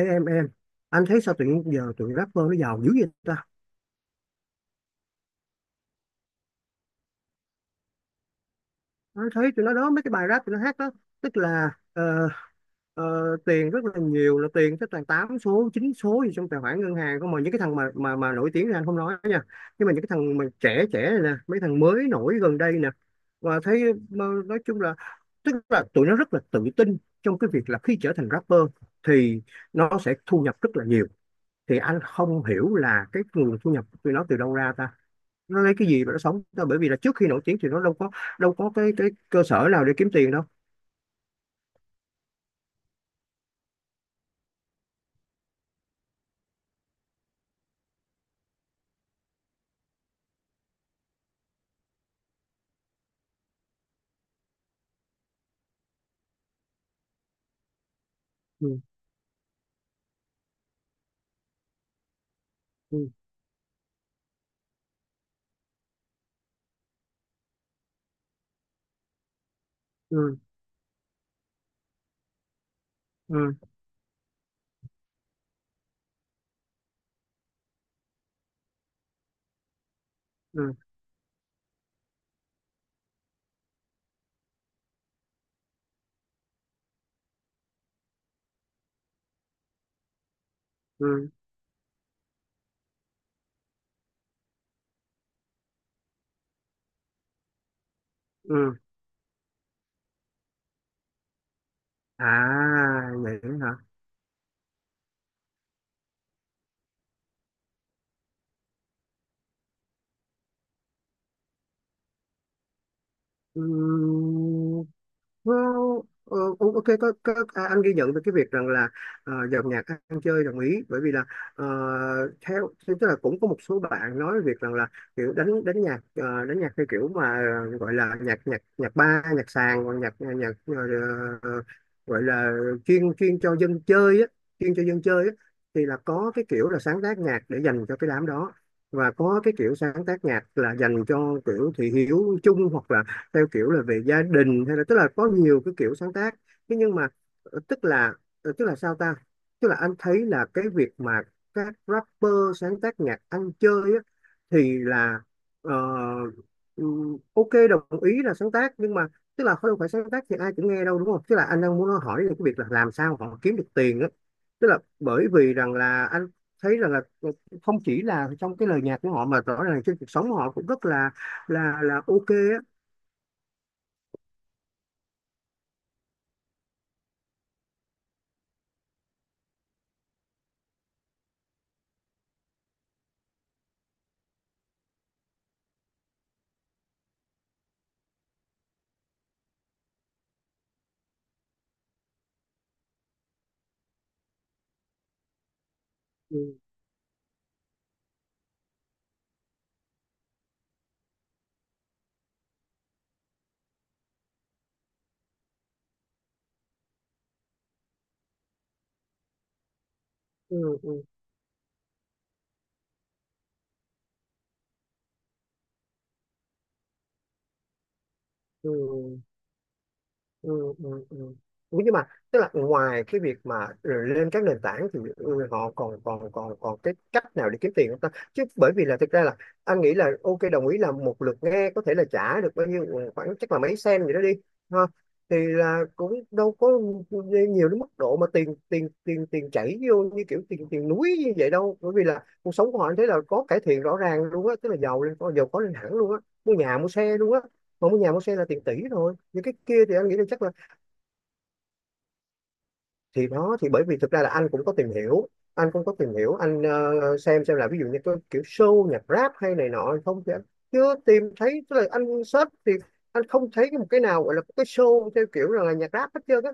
Ê, em anh thấy sao tự nhiên giờ tụi rapper nó giàu dữ vậy ta? Anh thấy tụi nó đó, mấy cái bài rap tụi nó hát đó, tức là tiền rất là nhiều, là tiền tới toàn 8 số 9 số gì trong tài khoản ngân hàng không, mà những cái thằng mà nổi tiếng ra anh không nói nha, nhưng mà những cái thằng mà trẻ trẻ này nè, mấy thằng mới nổi gần đây nè, và thấy, mà nói chung là, tức là tụi nó rất là tự tin trong cái việc là khi trở thành rapper thì nó sẽ thu nhập rất là nhiều. Thì anh không hiểu là cái nguồn thu nhập của tụi nó từ đâu ra ta, nó lấy cái gì mà nó sống đâu, bởi vì là trước khi nổi tiếng thì nó đâu có, đâu có cái cơ sở nào để kiếm tiền đâu. Ừ, ừ, ừ, ừ, ừ, ừ, ừ. À, vậy hả? Ừ. Well, ok, có, à, anh ghi nhận về cái việc rằng là dòng nhạc ăn chơi đồng ý, bởi vì là ờ, theo, tức là cũng có một số bạn nói về việc rằng là kiểu đánh đánh nhạc, đánh nhạc theo kiểu mà gọi là nhạc nhạc nhạc ba nhạc sàn, hoặc nhạc ờ, gọi là chuyên chuyên cho dân chơi á, chuyên cho dân chơi á. Thì là có cái kiểu là sáng tác nhạc để dành cho cái đám đó, và có cái kiểu sáng tác nhạc là dành cho kiểu thị hiếu chung, hoặc là theo kiểu là về gia đình, hay là tức là có nhiều cái kiểu sáng tác. Thế nhưng mà tức là tức là sao ta, tức là anh thấy là cái việc mà các rapper sáng tác nhạc ăn chơi á, thì là ờ, ok, đồng ý là sáng tác, nhưng mà tức là không phải sáng tác thì ai cũng nghe đâu, đúng không? Tức là anh đang muốn hỏi là cái việc là làm sao họ kiếm được tiền á. Tức là bởi vì rằng là anh thấy rằng là không chỉ là trong cái lời nhạc của họ, mà rõ ràng trên cuộc sống họ cũng rất là là ok á. Ừ. Ừ, ừ, ừ, ừ, ừ, ừ. Ủa, nhưng mà tức là ngoài cái việc mà lên các nền tảng thì họ còn còn còn còn cái cách nào để kiếm tiền không ta? Chứ bởi vì là thực ra là anh nghĩ là ok, đồng ý là một lượt nghe có thể là trả được bao nhiêu, khoảng chắc là mấy sen gì đó đi, ha, thì là cũng đâu có nhiều đến mức độ mà tiền tiền tiền tiền chảy vô như kiểu tiền tiền núi như vậy đâu. Bởi vì là cuộc sống của họ anh thấy là có cải thiện rõ ràng luôn á, tức là giàu lên, có giàu có lên hẳn luôn á, mua nhà mua xe luôn á. Mỗi một nhà mua xe là tiền tỷ thôi, nhưng cái kia thì anh nghĩ là chắc là. Thì đó, thì bởi vì thực ra là anh cũng có tìm hiểu anh cũng có tìm hiểu anh xem là ví dụ như cái kiểu show nhạc rap hay này nọ không, thì anh chưa tìm thấy, tức là anh search thì anh không thấy một cái nào gọi là cái show theo kiểu là nhạc rap hết trơn á.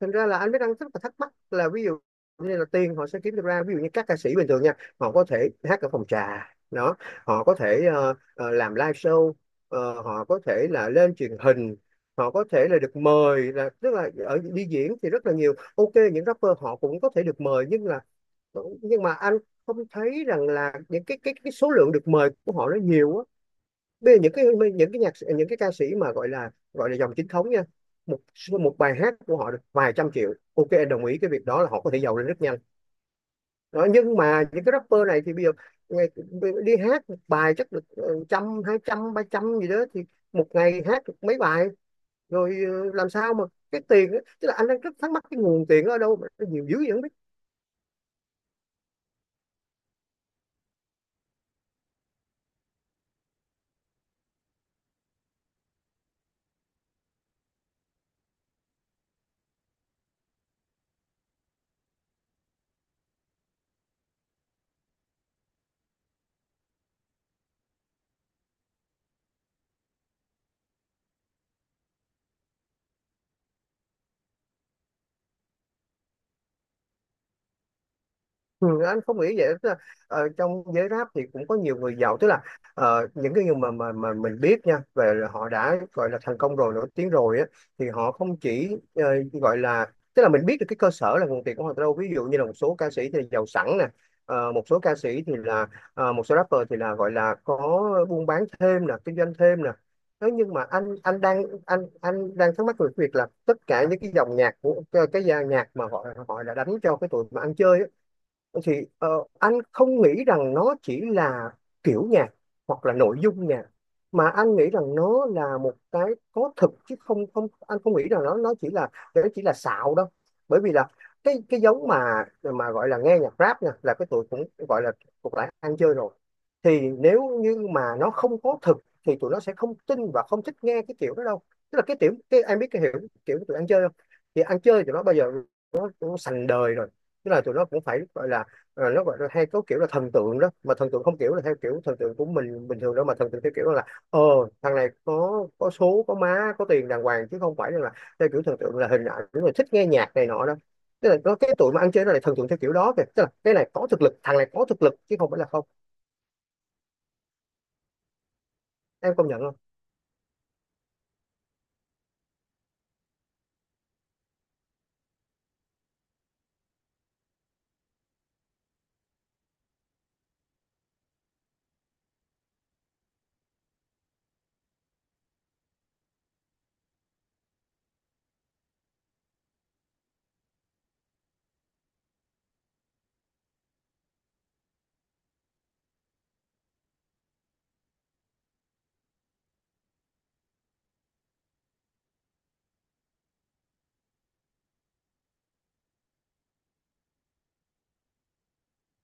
Thành ra là anh mới đang rất là thắc mắc là ví dụ như là tiền họ sẽ kiếm được ra. Ví dụ như các ca sĩ bình thường nha, họ có thể hát ở phòng trà đó, họ có thể làm live show, họ có thể là lên truyền hình, họ có thể là được mời, là tức là ở đi diễn thì rất là nhiều, ok. Những rapper họ cũng có thể được mời, nhưng là, nhưng mà anh không thấy rằng là những cái số lượng được mời của họ nó nhiều á. Bây giờ những cái, những cái nhạc, những cái ca sĩ mà gọi là dòng chính thống nha, một một bài hát của họ được vài trăm triệu, ok, em đồng ý cái việc đó là họ có thể giàu lên rất nhanh. Đó, nhưng mà những cái rapper này thì bây giờ ngày- đi hát một bài chắc được trăm, hai trăm, ba trăm gì đó, thì một ngày hát được mấy bài, rồi làm sao mà cái tiền á, tức là anh đang rất thắc mắc cái nguồn tiền ở đâu mà nó nhiều dữ vậy không biết. Ừ, anh không nghĩ vậy, tức là, trong giới rap thì cũng có nhiều người giàu, tức là những cái người mà mình biết nha, về là họ đã gọi là thành công rồi, nổi tiếng rồi á, thì họ không chỉ, gọi là, tức là mình biết được cái cơ sở là nguồn tiền của họ từ đâu. Ví dụ như là một số ca sĩ thì giàu sẵn nè, ờ, một số ca sĩ thì là một số rapper thì là gọi là có buôn bán thêm nè, kinh doanh thêm nè. Thế nhưng mà anh đang thắc mắc về việc là tất cả những cái dòng nhạc của cái dàn nhạc mà họ họ đã đánh cho cái tụi mà ăn chơi á, thì anh không nghĩ rằng nó chỉ là kiểu nhạc hoặc là nội dung nhạc, mà anh nghĩ rằng nó là một cái có thực, chứ không không anh không nghĩ rằng nó chỉ là, nó chỉ là xạo đâu. Bởi vì là cái giống mà gọi là nghe nhạc rap nha, là cái tụi cũng gọi là thuộc lại ăn chơi rồi, thì nếu như mà nó không có thực thì tụi nó sẽ không tin và không thích nghe cái kiểu đó đâu. Tức là cái tiểu cái em biết cái hiểu kiểu tụi ăn chơi không, thì ăn chơi tụi nó bao giờ nó sành đời rồi. Tức là tụi nó cũng phải gọi là, nó gọi là hay có kiểu là thần tượng đó, mà thần tượng không kiểu là theo kiểu thần tượng của mình bình thường đâu, mà thần tượng theo kiểu là ờ thằng này có số có má có tiền đàng hoàng, chứ không phải là theo kiểu thần tượng là hình ảnh rồi thích nghe nhạc này nọ đó. Tức là có cái tụi mà ăn chơi nó lại thần tượng theo kiểu đó kìa, tức là cái này có thực lực, thằng này có thực lực, chứ không phải là không. Em công nhận không?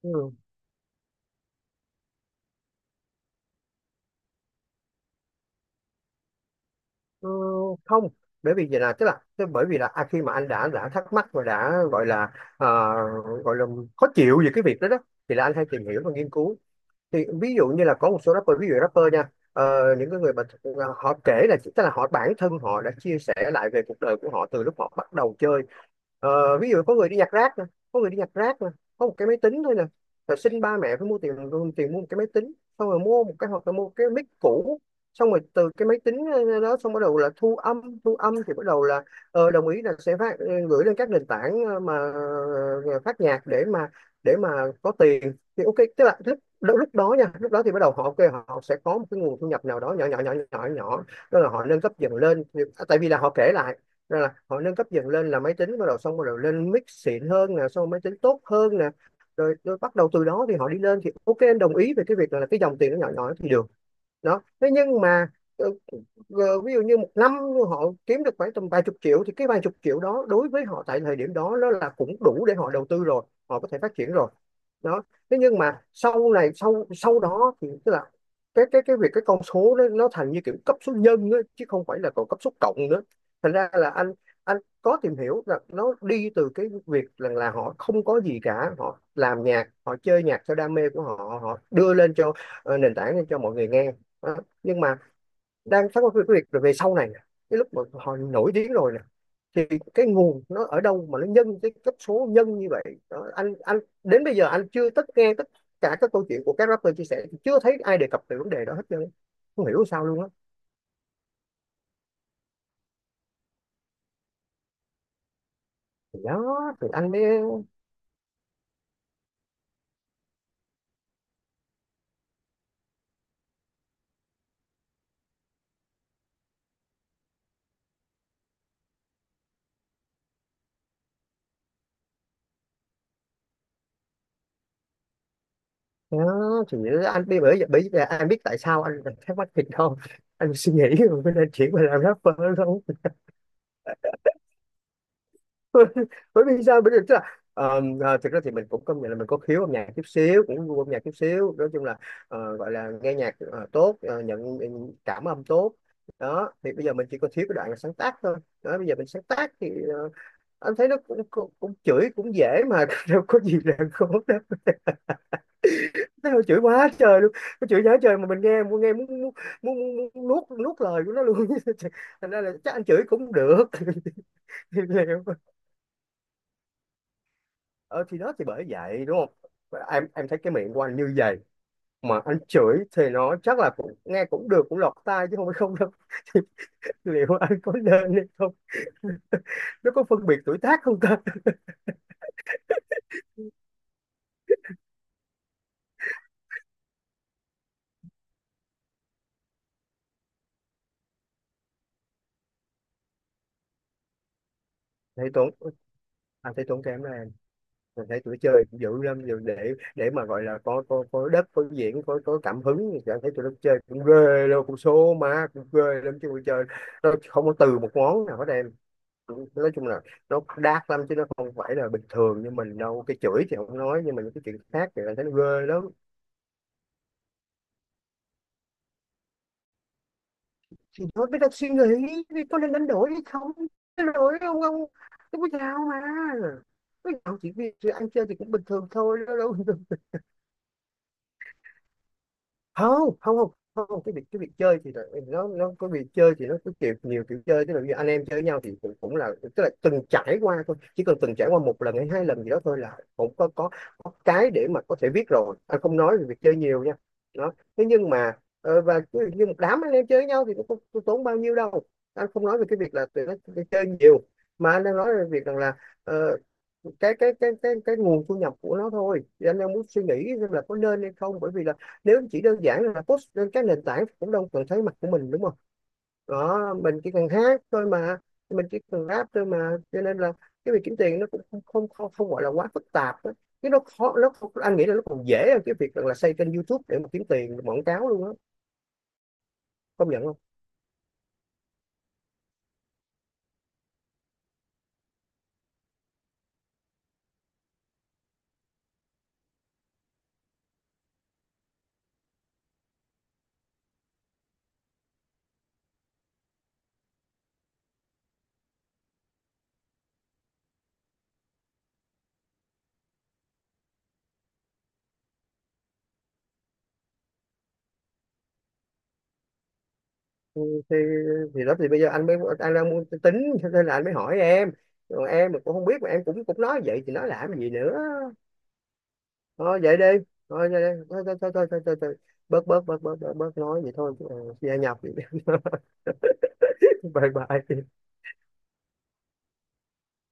Ừ. Ừ, không, bởi vì vậy là tức là bởi vì là à, khi mà anh đã thắc mắc và đã gọi là ờ, gọi là khó chịu về cái việc đó đó, thì là anh hay tìm hiểu và nghiên cứu. Thì ví dụ như là có một số rapper, ví dụ rapper nha, những cái người mà họ kể là, tức là họ bản thân họ đã chia sẻ lại về cuộc đời của họ từ lúc họ bắt đầu chơi. Ờ, ví dụ có người đi nhặt rác nè, có người đi nhặt rác nè, có một cái máy tính thôi nè, rồi xin ba mẹ phải mua tiền, tiền mua một cái máy tính, xong rồi mua một cái, hoặc là mua cái mic cũ, xong rồi từ cái máy tính đó, xong bắt đầu là thu âm. Thu âm thì bắt đầu là đồng ý là sẽ phát, gửi lên các nền tảng, phát nhạc để mà, để mà có tiền thì ok, tức là lúc lúc đó nha, lúc đó thì bắt đầu họ ok họ sẽ có một cái nguồn thu nhập nào đó nhỏ nhỏ nhỏ nhỏ nhỏ đó là họ nâng cấp dần lên. À, tại vì là họ kể lại, đó là họ nâng cấp dần lên là máy tính bắt đầu, xong bắt đầu lên mic xịn hơn nè, xong máy tính tốt hơn nè, rồi, rồi bắt đầu từ đó thì họ đi lên, thì ok em đồng ý về cái việc là cái dòng tiền nó nhỏ nhỏ thì được. Đó, thế nhưng mà ờ, ví dụ như một năm họ kiếm được khoảng tầm vài chục triệu, thì cái vài chục triệu đó đối với họ tại thời điểm đó nó là cũng đủ để họ đầu tư rồi, họ có thể phát triển rồi. Đó, thế nhưng mà sau này sau sau đó thì Tức là cái việc cái con số nó thành như kiểu cấp số nhân á, chứ không phải là còn cấp số cộng nữa. Thành ra là anh có tìm hiểu là nó đi từ cái việc rằng là họ không có gì cả, họ làm nhạc, họ chơi nhạc theo đam mê của họ, họ đưa lên cho nền tảng, lên cho mọi người nghe. Đó. Nhưng mà đang thắc mắc về cái việc rồi về sau này nè, cái lúc mà họ nổi tiếng rồi nè thì cái nguồn nó ở đâu mà nó nhân cái cấp số nhân như vậy. Đó, anh đến bây giờ anh chưa tất nghe tất cả các câu chuyện của các rapper chia sẻ thì chưa thấy ai đề cập về vấn đề đó hết trơn, không hiểu sao luôn á. thì đó thì anh mới thì anh mới, bởi bởi vì anh biết tại sao anh thắc mắc thì không, anh suy nghĩ rồi mới nên chuyển qua làm rapper thôi. Bởi vì sao, bởi vì tức là thực ra thì mình cũng công nhận là mình có khiếu âm nhạc chút xíu, cũng gu âm nhạc chút xíu, nói chung là gọi là nghe nhạc tốt, nhận cảm âm tốt. Đó thì bây giờ mình chỉ có thiếu cái đoạn là sáng tác thôi. Đó bây giờ mình sáng tác thì ờ, anh thấy nó cũng chửi cũng dễ mà, đâu có gì là khó đâu. Nó chửi quá trời luôn, nó chửi quá trời mà mình nghe muốn, nghe muốn nuốt, nuốt lời của nó luôn. Thành ra là chắc anh chửi cũng được. Lèo. Ờ thì đó thì bởi vậy đúng không em thấy cái miệng của anh như vậy mà anh chửi thì nó chắc là cũng nghe cũng được, cũng lọt tai chứ không phải không đâu. Thì liệu anh có nên hay không? Nó có phân biệt tuổi tác không ta? Thấy tốn, anh thấy tốn kém đó em. Mình thấy tụi chơi cũng dữ lắm rồi, để mà gọi là có đất, có diễn, có cảm hứng thì anh thấy tụi nó chơi cũng ghê luôn, cũng số má cũng ghê lắm chứ tụi chơi nó không có từ một món nào hết em. Nói chung là nó dark lắm chứ nó không phải là bình thường như mình đâu. Cái chửi thì không nói, nhưng mà những cái chuyện khác thì anh thấy nó ghê lắm. Thì thôi biết đặt suy nghĩ thì có nên đánh đổi hay không? Đánh đổi, không, không không có giàu mà, có giàu chỉ vì sự ăn chơi thì cũng bình thường thôi, đâu đâu. Không không không không, cái việc chơi thì là- nó có việc chơi thì nó có kiểu, nhiều kiểu chơi. Tức là như anh em chơi với nhau thì cũng cũng là, tức là từng trải qua thôi, chỉ cần từng trải qua một lần hay hai lần gì đó thôi là có cái để mà có thể biết rồi. Anh không nói về việc chơi nhiều nha. Đó thế nhưng mà và cứ như một đám anh em chơi với nhau thì cũng không tốn bao nhiêu đâu. Anh không nói về cái việc là tụi nó chơi nhiều, mà anh đang nói về việc rằng là ờ, cái nguồn thu nhập của nó thôi, thì anh đang muốn suy nghĩ xem là có nên hay không, bởi vì là nếu chỉ đơn giản là post lên các nền tảng cũng đâu cần thấy mặt của mình đúng không? Đó mình chỉ cần hát thôi mà, mình chỉ cần rap thôi mà, cho nên là cái việc kiếm tiền nó cũng không gọi là quá phức tạp đó. Cái nó khó, nó anh nghĩ là nó còn dễ hơn cái việc là xây kênh YouTube để mà kiếm tiền quảng cáo luôn á. Công nhận không? Thì thì đó thì bây giờ anh mới, anh đang muốn tính cho nên là anh mới hỏi em. Còn em mà cũng không biết mà em cũng cũng nói vậy thì nói làm gì nữa. Thôi vậy đi, thôi vậy đi, thôi thôi thôi thôi thôi thôi thôi. Bớt bớt bớt bớt bớt Bớt nói vậy thôi. Ờ, Gia nhập vậy đi. Bye bye.